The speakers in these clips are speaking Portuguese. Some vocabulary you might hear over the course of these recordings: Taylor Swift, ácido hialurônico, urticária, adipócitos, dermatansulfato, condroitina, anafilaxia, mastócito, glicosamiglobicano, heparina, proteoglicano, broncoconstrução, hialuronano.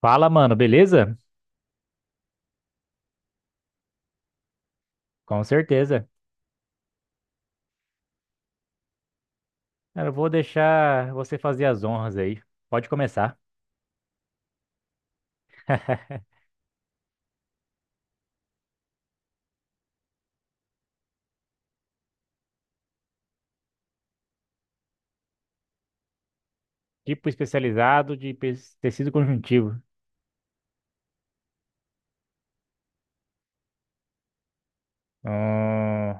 Fala, mano, beleza? Com certeza. Cara, eu vou deixar você fazer as honras aí. Pode começar. Tipo especializado de tecido conjuntivo. Hum,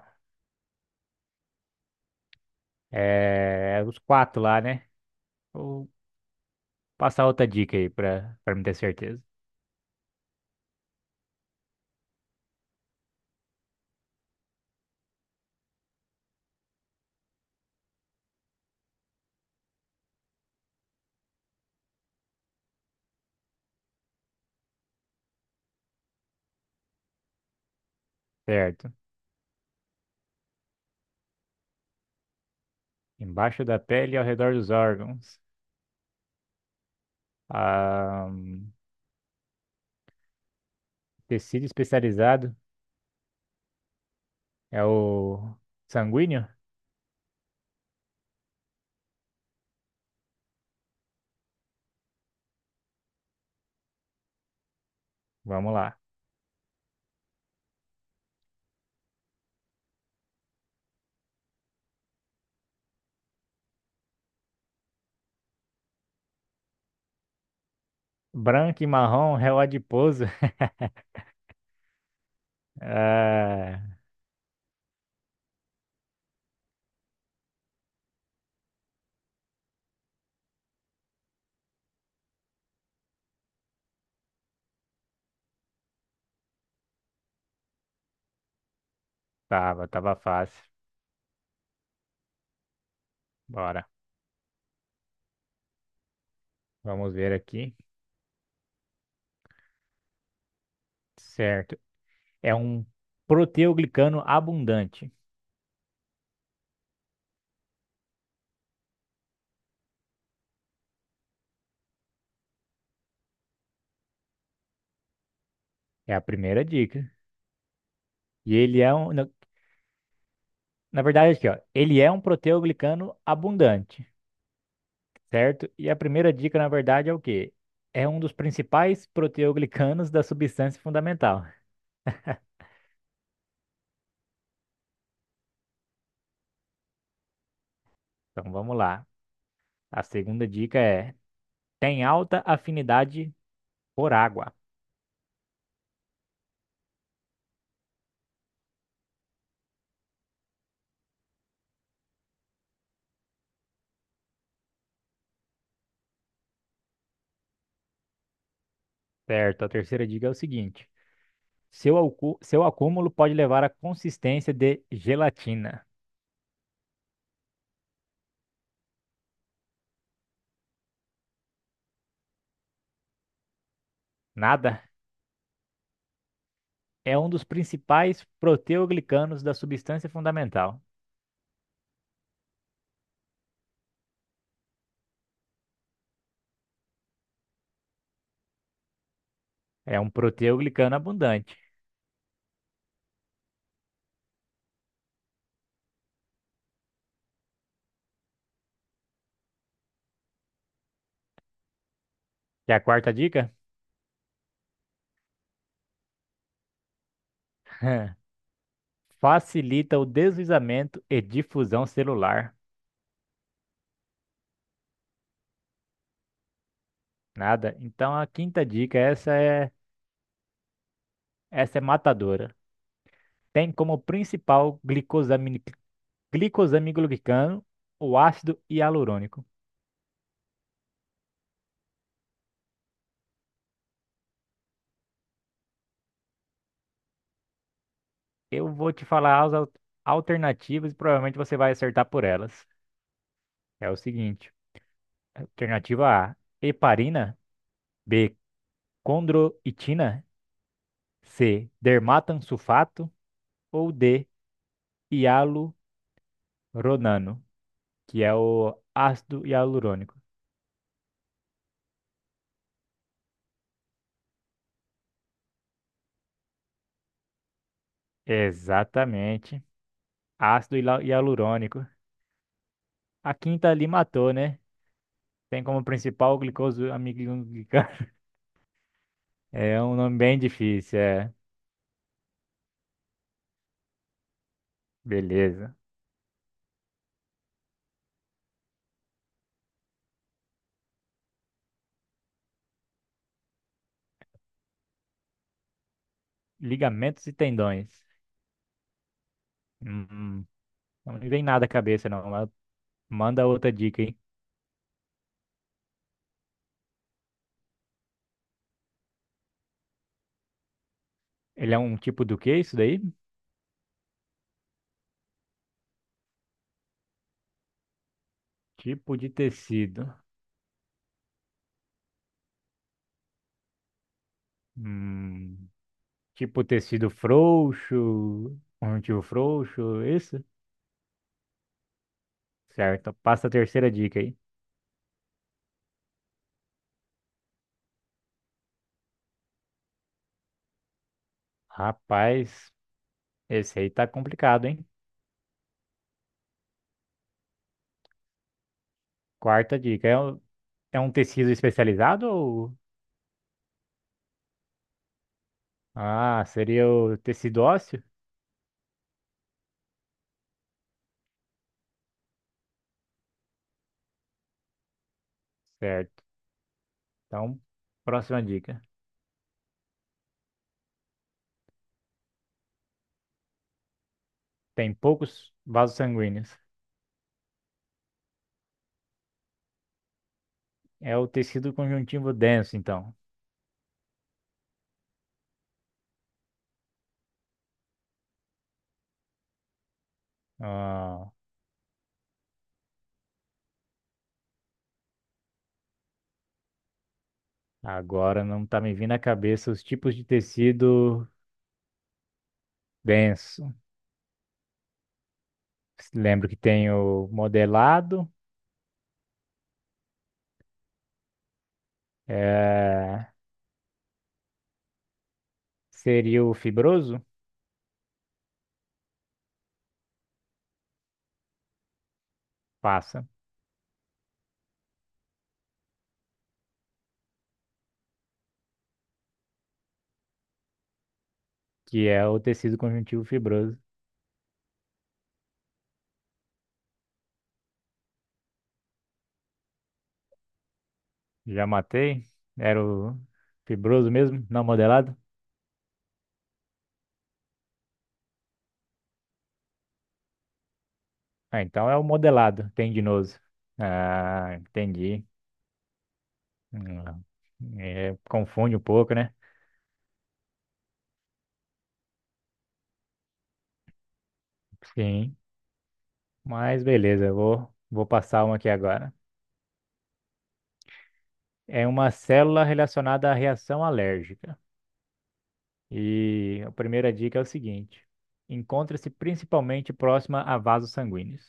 É, os quatro lá, né? Vou passar outra dica aí pra me ter certeza. Certo. Embaixo da pele e ao redor dos órgãos. Ah, tecido especializado é o sanguíneo? Vamos lá. Branco e marrom, é o adiposo. Ah, tava fácil. Bora. Vamos ver aqui. Certo. É um proteoglicano abundante. É a primeira dica. E ele é um. Na verdade, aqui, ó, ele é um proteoglicano abundante. Certo? E a primeira dica, na verdade, é o quê? É um dos principais proteoglicanos da substância fundamental. Então vamos lá. A segunda dica é: tem alta afinidade por água. Certo? A terceira dica é o seguinte. Seu acúmulo pode levar à consistência de gelatina. Nada, é um dos principais proteoglicanos da substância fundamental. É um proteoglicano abundante. E a quarta dica? Facilita o deslizamento e difusão celular. Nada. Então a quinta dica, essa é matadora. Tem como principal glicosamiglobicano o ácido hialurônico. Eu vou te falar as alternativas e provavelmente você vai acertar por elas. É o seguinte: alternativa A, heparina; B, condroitina; C, dermatansulfato; ou D, hialuronano, que é o ácido hialurônico. Exatamente, ácido hialurônico. A quinta ali matou, né? Tem como principal o glicosamiliglicano. É um nome bem difícil, é. Beleza. Ligamentos e tendões. Hum, Não me vem nada à cabeça, não, mas manda outra dica, hein? Ele é um tipo do que isso daí? Tipo de tecido. Hum, tipo tecido frouxo, conjuntivo frouxo, isso? Certo. Passa a terceira dica aí. Rapaz, esse aí tá complicado, hein? Quarta dica. É um tecido especializado ou... Ah, seria o tecido ósseo? Certo. Então, próxima dica. Tem poucos vasos sanguíneos. É o tecido conjuntivo denso, então. Ah, agora não tá me vindo à cabeça os tipos de tecido denso. Lembro que tem o modelado, eh, seria o fibroso, passa, que é o tecido conjuntivo fibroso. Já matei? Era o fibroso mesmo? Não modelado? Ah, então é o modelado, tendinoso. Ah, entendi. Hum, É, confunde um pouco, né? Sim, mas beleza, eu vou passar uma aqui agora. É uma célula relacionada à reação alérgica. E a primeira dica é o seguinte: encontra-se principalmente próxima a vasos sanguíneos.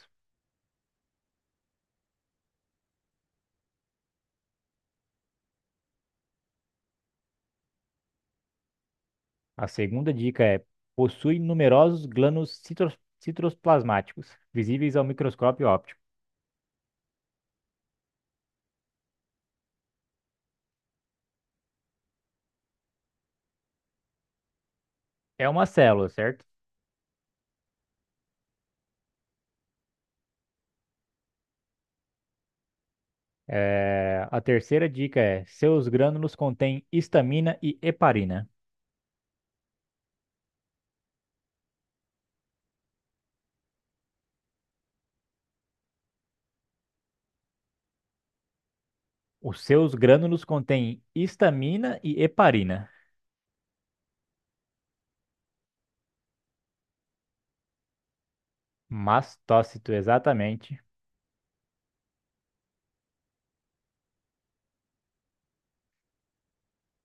A segunda dica é: possui numerosos glândulos citoplasmáticos, visíveis ao microscópio óptico. É uma célula, certo? É, a terceira dica é: seus grânulos contêm histamina e heparina. Os seus grânulos contêm histamina e heparina. Mastócito, exatamente.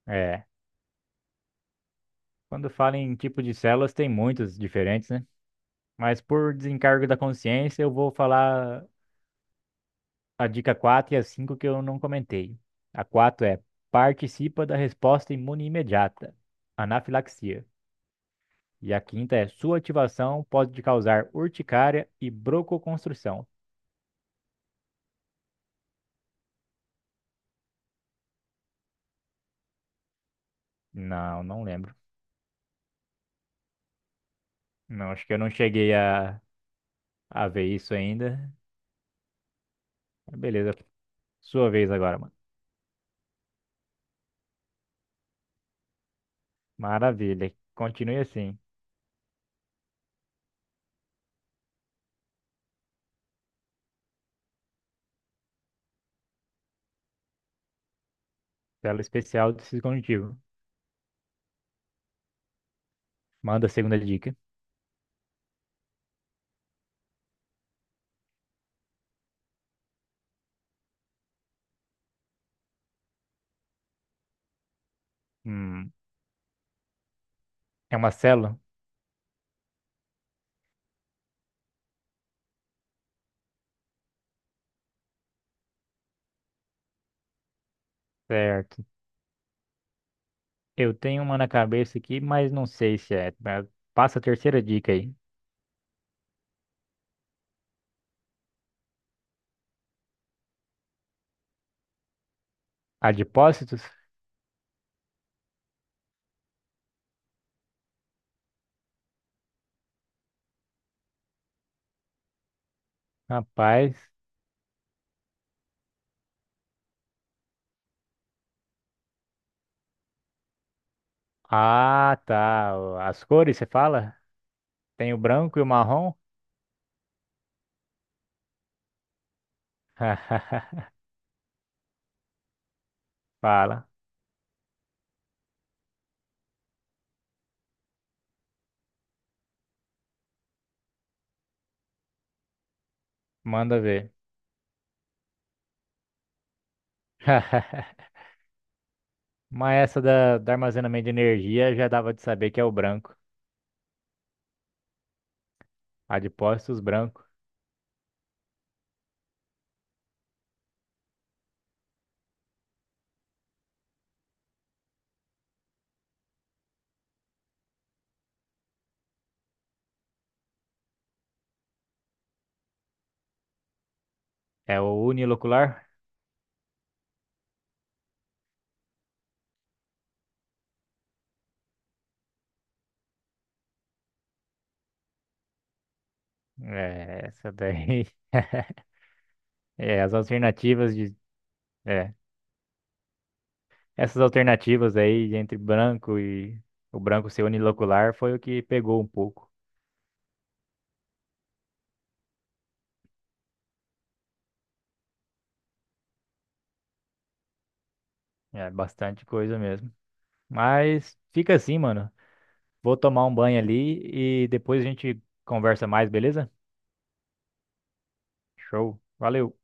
É. Quando fala em tipo de células, tem muitos diferentes, né? Mas por desencargo da consciência, eu vou falar a dica 4 e a 5 que eu não comentei. A 4 é: participa da resposta imune imediata, anafilaxia. E a quinta é: sua ativação pode te causar urticária e broncoconstrução. Não, não lembro. Não, acho que eu não cheguei a ver isso ainda. Beleza, sua vez agora, mano. Maravilha. Continue assim. Tela especial do Cisco. Manda a segunda dica. Hum, É uma célula? Certo. Eu tenho uma na cabeça aqui, mas não sei se é. Mas passa a terceira dica aí. Adipócitos? Rapaz. Ah, tá. As cores, você fala? Tem o branco e o marrom? Fala. Manda ver. Mas essa da armazenamento de energia já dava de saber que é o branco. Adipócitos branco. É o unilocular? É, essa daí. É, as alternativas de. É. Essas alternativas aí entre branco e o branco ser unilocular foi o que pegou um pouco. É bastante coisa mesmo. Mas fica assim, mano. Vou tomar um banho ali e depois a gente conversa mais, beleza? Show. Valeu.